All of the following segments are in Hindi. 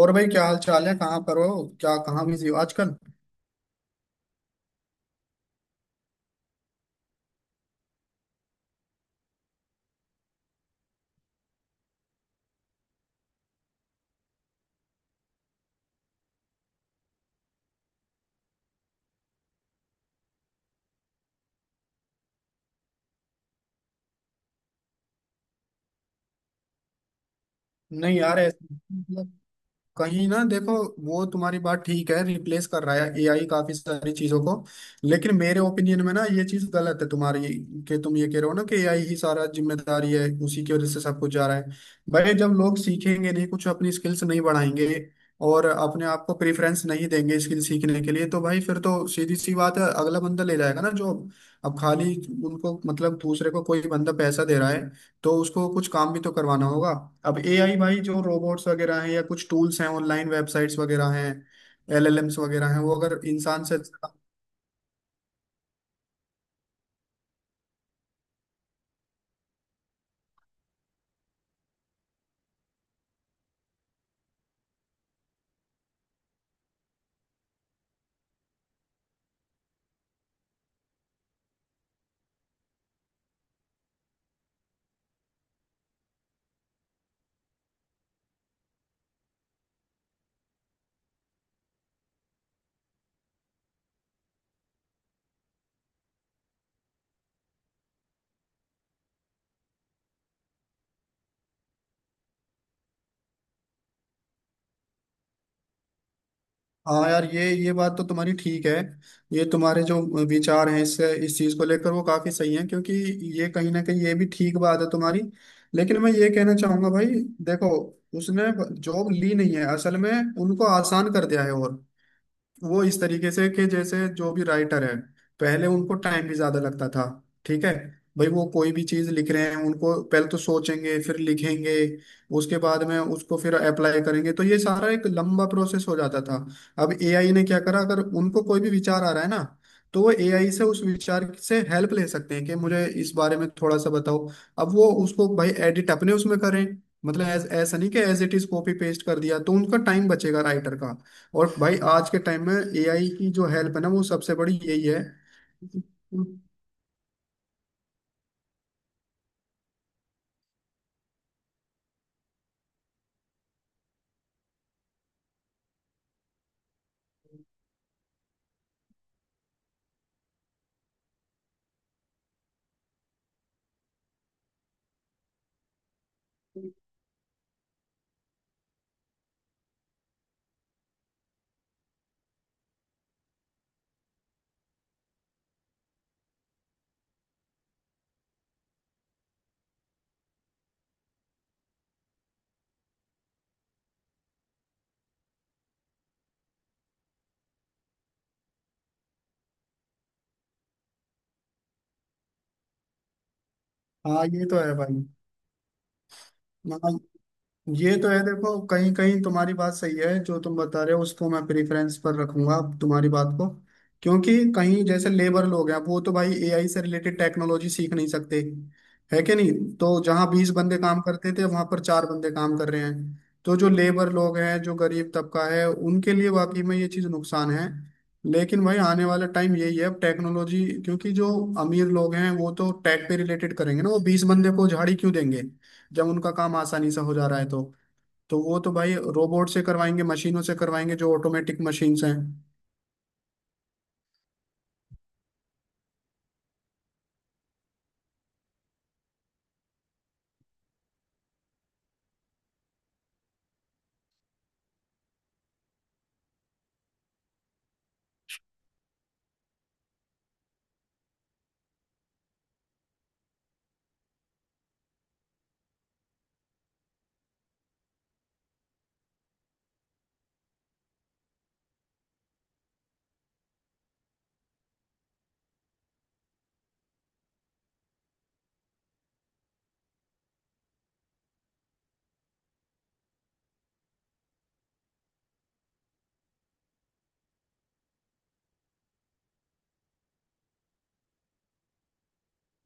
और भाई क्या हाल चाल है। कहाँ पर हो क्या? कहाँ बिजी हो आजकल? नहीं यार, ऐसे मतलब कहीं ना देखो, वो तुम्हारी बात ठीक है, रिप्लेस कर रहा है एआई काफी सारी चीजों को। लेकिन मेरे ओपिनियन में ना, ये चीज गलत है तुम्हारी, कि तुम ये कह रहे हो ना कि एआई ही सारा जिम्मेदारी है, उसी की वजह से सब कुछ जा रहा है। भाई, जब लोग सीखेंगे नहीं, कुछ अपनी स्किल्स नहीं बढ़ाएंगे और अपने आप को प्रेफरेंस नहीं देंगे स्किल सीखने के लिए, तो भाई फिर तो सीधी सी बात है, अगला बंदा ले जाएगा ना जॉब। अब खाली उनको मतलब दूसरे को कोई बंदा पैसा दे रहा है, तो उसको कुछ काम भी तो करवाना होगा। अब एआई, भाई जो रोबोट्स वगैरह हैं या कुछ टूल्स हैं, ऑनलाइन वेबसाइट्स वगैरह हैं, एलएलएम्स वगैरह हैं, वो अगर इंसान से हाँ यार, ये बात तो तुम्हारी ठीक है। ये तुम्हारे जो विचार हैं इससे इस चीज़ को लेकर, वो काफ़ी सही है, क्योंकि ये कहीं ना कहीं ये भी ठीक बात है तुम्हारी। लेकिन मैं ये कहना चाहूंगा भाई, देखो उसने जॉब ली नहीं है असल में, उनको आसान कर दिया है। और वो इस तरीके से कि जैसे जो भी राइटर है, पहले उनको टाइम भी ज्यादा लगता था। ठीक है भाई, वो कोई भी चीज लिख रहे हैं, उनको पहले तो सोचेंगे, फिर लिखेंगे, उसके बाद में उसको फिर अप्लाई करेंगे, तो ये सारा एक लंबा प्रोसेस हो जाता था। अब एआई ने क्या करा, अगर उनको कोई भी विचार आ रहा है ना, तो वो एआई से उस विचार से हेल्प ले सकते हैं कि मुझे इस बारे में थोड़ा सा बताओ। अब वो उसको भाई एडिट अपने उसमें करें, मतलब ऐसा नहीं कि as it is copy paste कर दिया, तो उनका टाइम बचेगा राइटर का। और भाई आज के टाइम में एआई की जो हेल्प है ना, वो सबसे बड़ी यही है। हाँ ये तो है भाई। हाँ, ये तो है, देखो कहीं कहीं तुम्हारी बात सही है, जो तुम बता रहे हो उसको मैं प्रेफरेंस पर रखूंगा तुम्हारी बात को, क्योंकि कहीं जैसे लेबर लोग हैं, वो तो भाई एआई से रिलेटेड टेक्नोलॉजी सीख नहीं सकते, है कि नहीं? तो जहाँ बीस बंदे काम करते थे, वहां पर चार बंदे काम कर रहे हैं, तो जो लेबर लोग हैं, जो गरीब तबका है, उनके लिए वाकई में ये चीज़ नुकसान है। लेकिन भाई आने वाला टाइम यही है, अब टेक्नोलॉजी, क्योंकि जो अमीर लोग हैं वो तो टेक पे रिलेटेड करेंगे ना, वो बीस बंदे को झाड़ी क्यों देंगे जब उनका काम आसानी से हो जा रहा है? तो वो तो भाई रोबोट से करवाएंगे, मशीनों से करवाएंगे, जो ऑटोमेटिक मशीन्स हैं।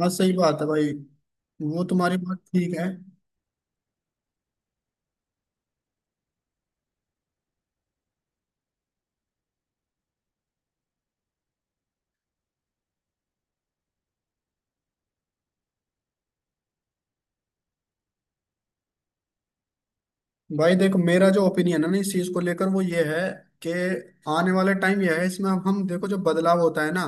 हाँ सही बात है भाई, वो तुम्हारी बात ठीक है। भाई देखो, मेरा जो ओपिनियन है ना इस चीज को लेकर, वो ये है कि आने वाला टाइम यह है। इसमें अब हम देखो जो बदलाव होता है ना,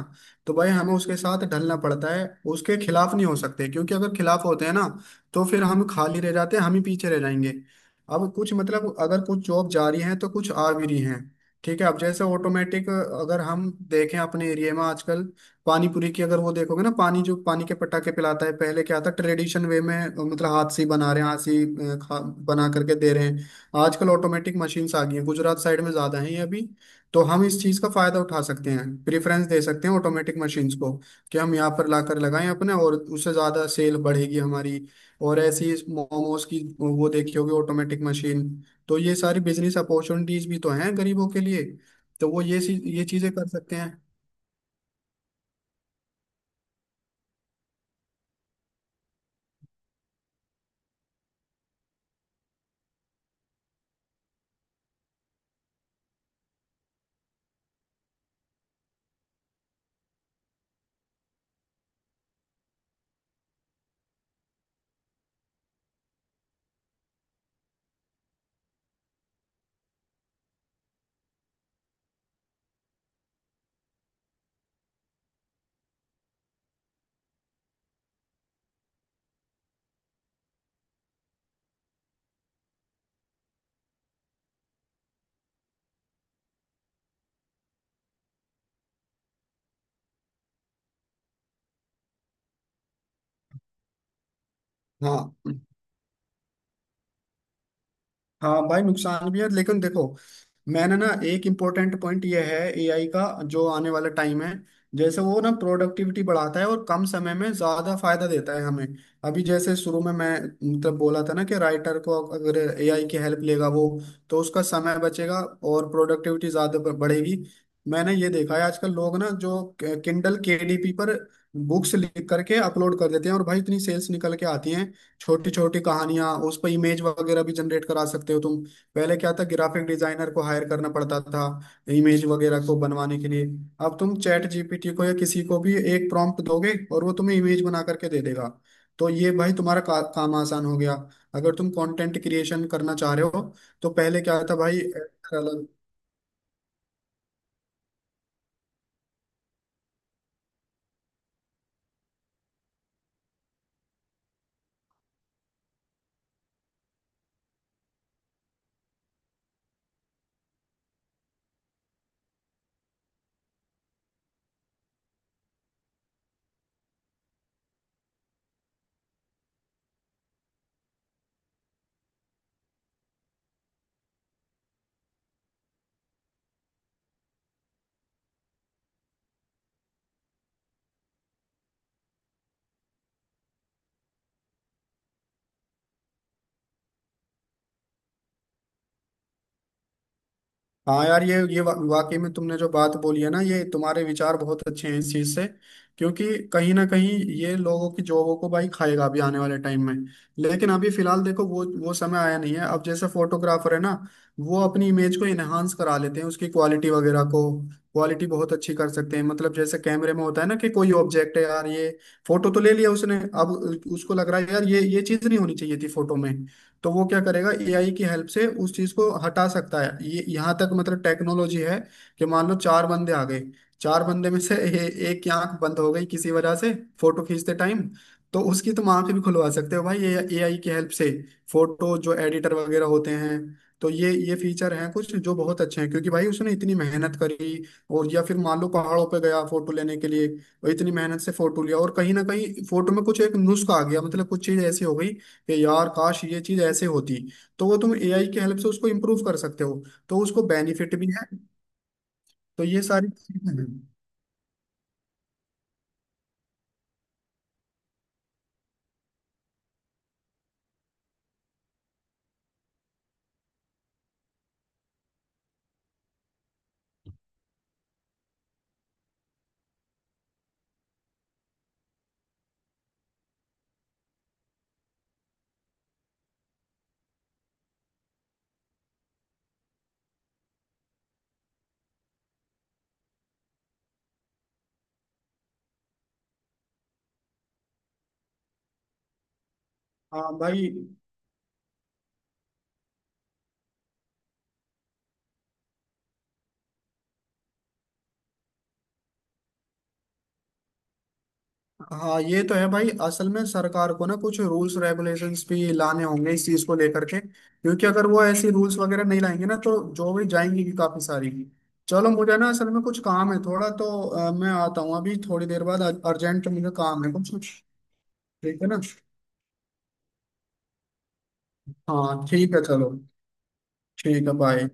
तो भाई हमें उसके साथ ढलना पड़ता है, उसके खिलाफ नहीं हो सकते, क्योंकि अगर खिलाफ होते हैं ना, तो फिर हम खाली रह जाते हैं, हम ही पीछे रह जाएंगे। अब कुछ मतलब अगर कुछ जॉब जा रही है, तो कुछ आ भी रही हैं। ठीक है, अब जैसे ऑटोमेटिक अगर हम देखें अपने एरिया में आजकल पानी पूरी की, अगर वो देखोगे ना, पानी जो पानी के पटाखे पिलाता है, पहले क्या था? ट्रेडिशन वे में, मतलब हाथ से ही बना रहे हैं, हाथ से ही बना करके दे रहे हैं। आजकल ऑटोमेटिक मशीन्स आ गई हैं, गुजरात साइड में ज्यादा है ये अभी। तो हम इस चीज का फायदा उठा सकते हैं, प्रेफरेंस दे सकते हैं ऑटोमेटिक मशीन्स को कि हम यहाँ पर लाकर लगाएं अपने, और उससे ज्यादा सेल बढ़ेगी हमारी। और ऐसी मोमोज की वो देखी होगी ऑटोमेटिक मशीन, तो ये सारी बिजनेस अपॉर्चुनिटीज भी तो हैं गरीबों के लिए। तो वो ये चीजें कर सकते हैं। हाँ। हाँ भाई, नुकसान भी है, लेकिन देखो मैंने ना एक इम्पोर्टेंट पॉइंट ये है एआई का, जो आने वाला टाइम है, जैसे वो ना प्रोडक्टिविटी बढ़ाता है, और कम समय में ज्यादा फायदा देता है हमें। अभी जैसे शुरू में मैं मतलब बोला था ना कि राइटर को अगर एआई की हेल्प लेगा वो, तो उसका समय बचेगा और प्रोडक्टिविटी ज्यादा बढ़ेगी। मैंने ये देखा है आजकल लोग ना जो किंडल केडीपी पर बुक्स लिख करके अपलोड कर देते हैं, और भाई इतनी सेल्स निकल के आती हैं। छोटी छोटी कहानियां, उस पर इमेज वगैरह भी जनरेट करा सकते हो तुम। पहले क्या था, ग्राफिक डिजाइनर को हायर करना पड़ता था इमेज वगैरह को बनवाने के लिए। अब तुम चैट जीपीटी को या किसी को भी एक प्रॉम्प्ट दोगे, और वो तुम्हें इमेज बना करके दे देगा। तो ये भाई काम आसान हो गया, अगर तुम कंटेंट क्रिएशन करना चाह रहे हो। तो पहले क्या था भाई। हाँ यार, वाकई में तुमने जो बात बोली है ना, ये तुम्हारे विचार बहुत अच्छे हैं इस चीज से, क्योंकि कहीं ना कहीं ये लोगों की जॉबों को भाई खाएगा अभी आने वाले टाइम में। लेकिन अभी फिलहाल देखो, वो समय आया नहीं है। अब जैसे फोटोग्राफर है ना, वो अपनी इमेज को इनहांस करा लेते हैं उसकी क्वालिटी वगैरह को, क्वालिटी बहुत अच्छी कर सकते हैं। मतलब जैसे कैमरे में होता है ना, कि कोई ऑब्जेक्ट है यार ये, फोटो तो ले लिया उसने, अब उसको लग रहा है यार ये चीज नहीं होनी चाहिए थी फोटो में, तो वो क्या करेगा, एआई की हेल्प से उस चीज को हटा सकता है। ये यहाँ तक मतलब टेक्नोलॉजी है कि मान लो चार बंदे आ गए, चार बंदे में से एक की आंख बंद हो गई किसी वजह से फोटो खींचते टाइम, तो उसकी तुम आंख भी खुलवा सकते हो भाई ये एआई की हेल्प से। फोटो जो एडिटर वगैरह होते हैं, तो ये फीचर हैं कुछ जो बहुत अच्छे हैं, क्योंकि भाई उसने इतनी मेहनत करी। और या फिर मान लो पहाड़ों पे गया फोटो लेने के लिए, और इतनी मेहनत से फोटो लिया, और कहीं ना कहीं फोटो में कुछ एक नुस्खा आ गया, मतलब कुछ चीज ऐसी हो गई कि यार काश ये चीज ऐसे होती, तो वो तुम एआई की हेल्प से उसको इम्प्रूव कर सकते हो। तो उसको बेनिफिट भी है, तो ये सारी चीजें हैं। हाँ भाई। हाँ ये तो है भाई, असल में सरकार को ना कुछ रूल्स रेगुलेशंस भी लाने होंगे इस चीज को लेकर के, क्योंकि अगर वो ऐसी रूल्स वगैरह नहीं लाएंगे ना, तो जो भी जाएंगी भी काफी सारी। चलो मुझे ना असल में कुछ काम है थोड़ा, तो मैं आता हूँ अभी थोड़ी देर बाद। अर्जेंट मुझे काम है कुछ। ठीक है ना? हाँ ठीक है चलो। ठीक है बाय।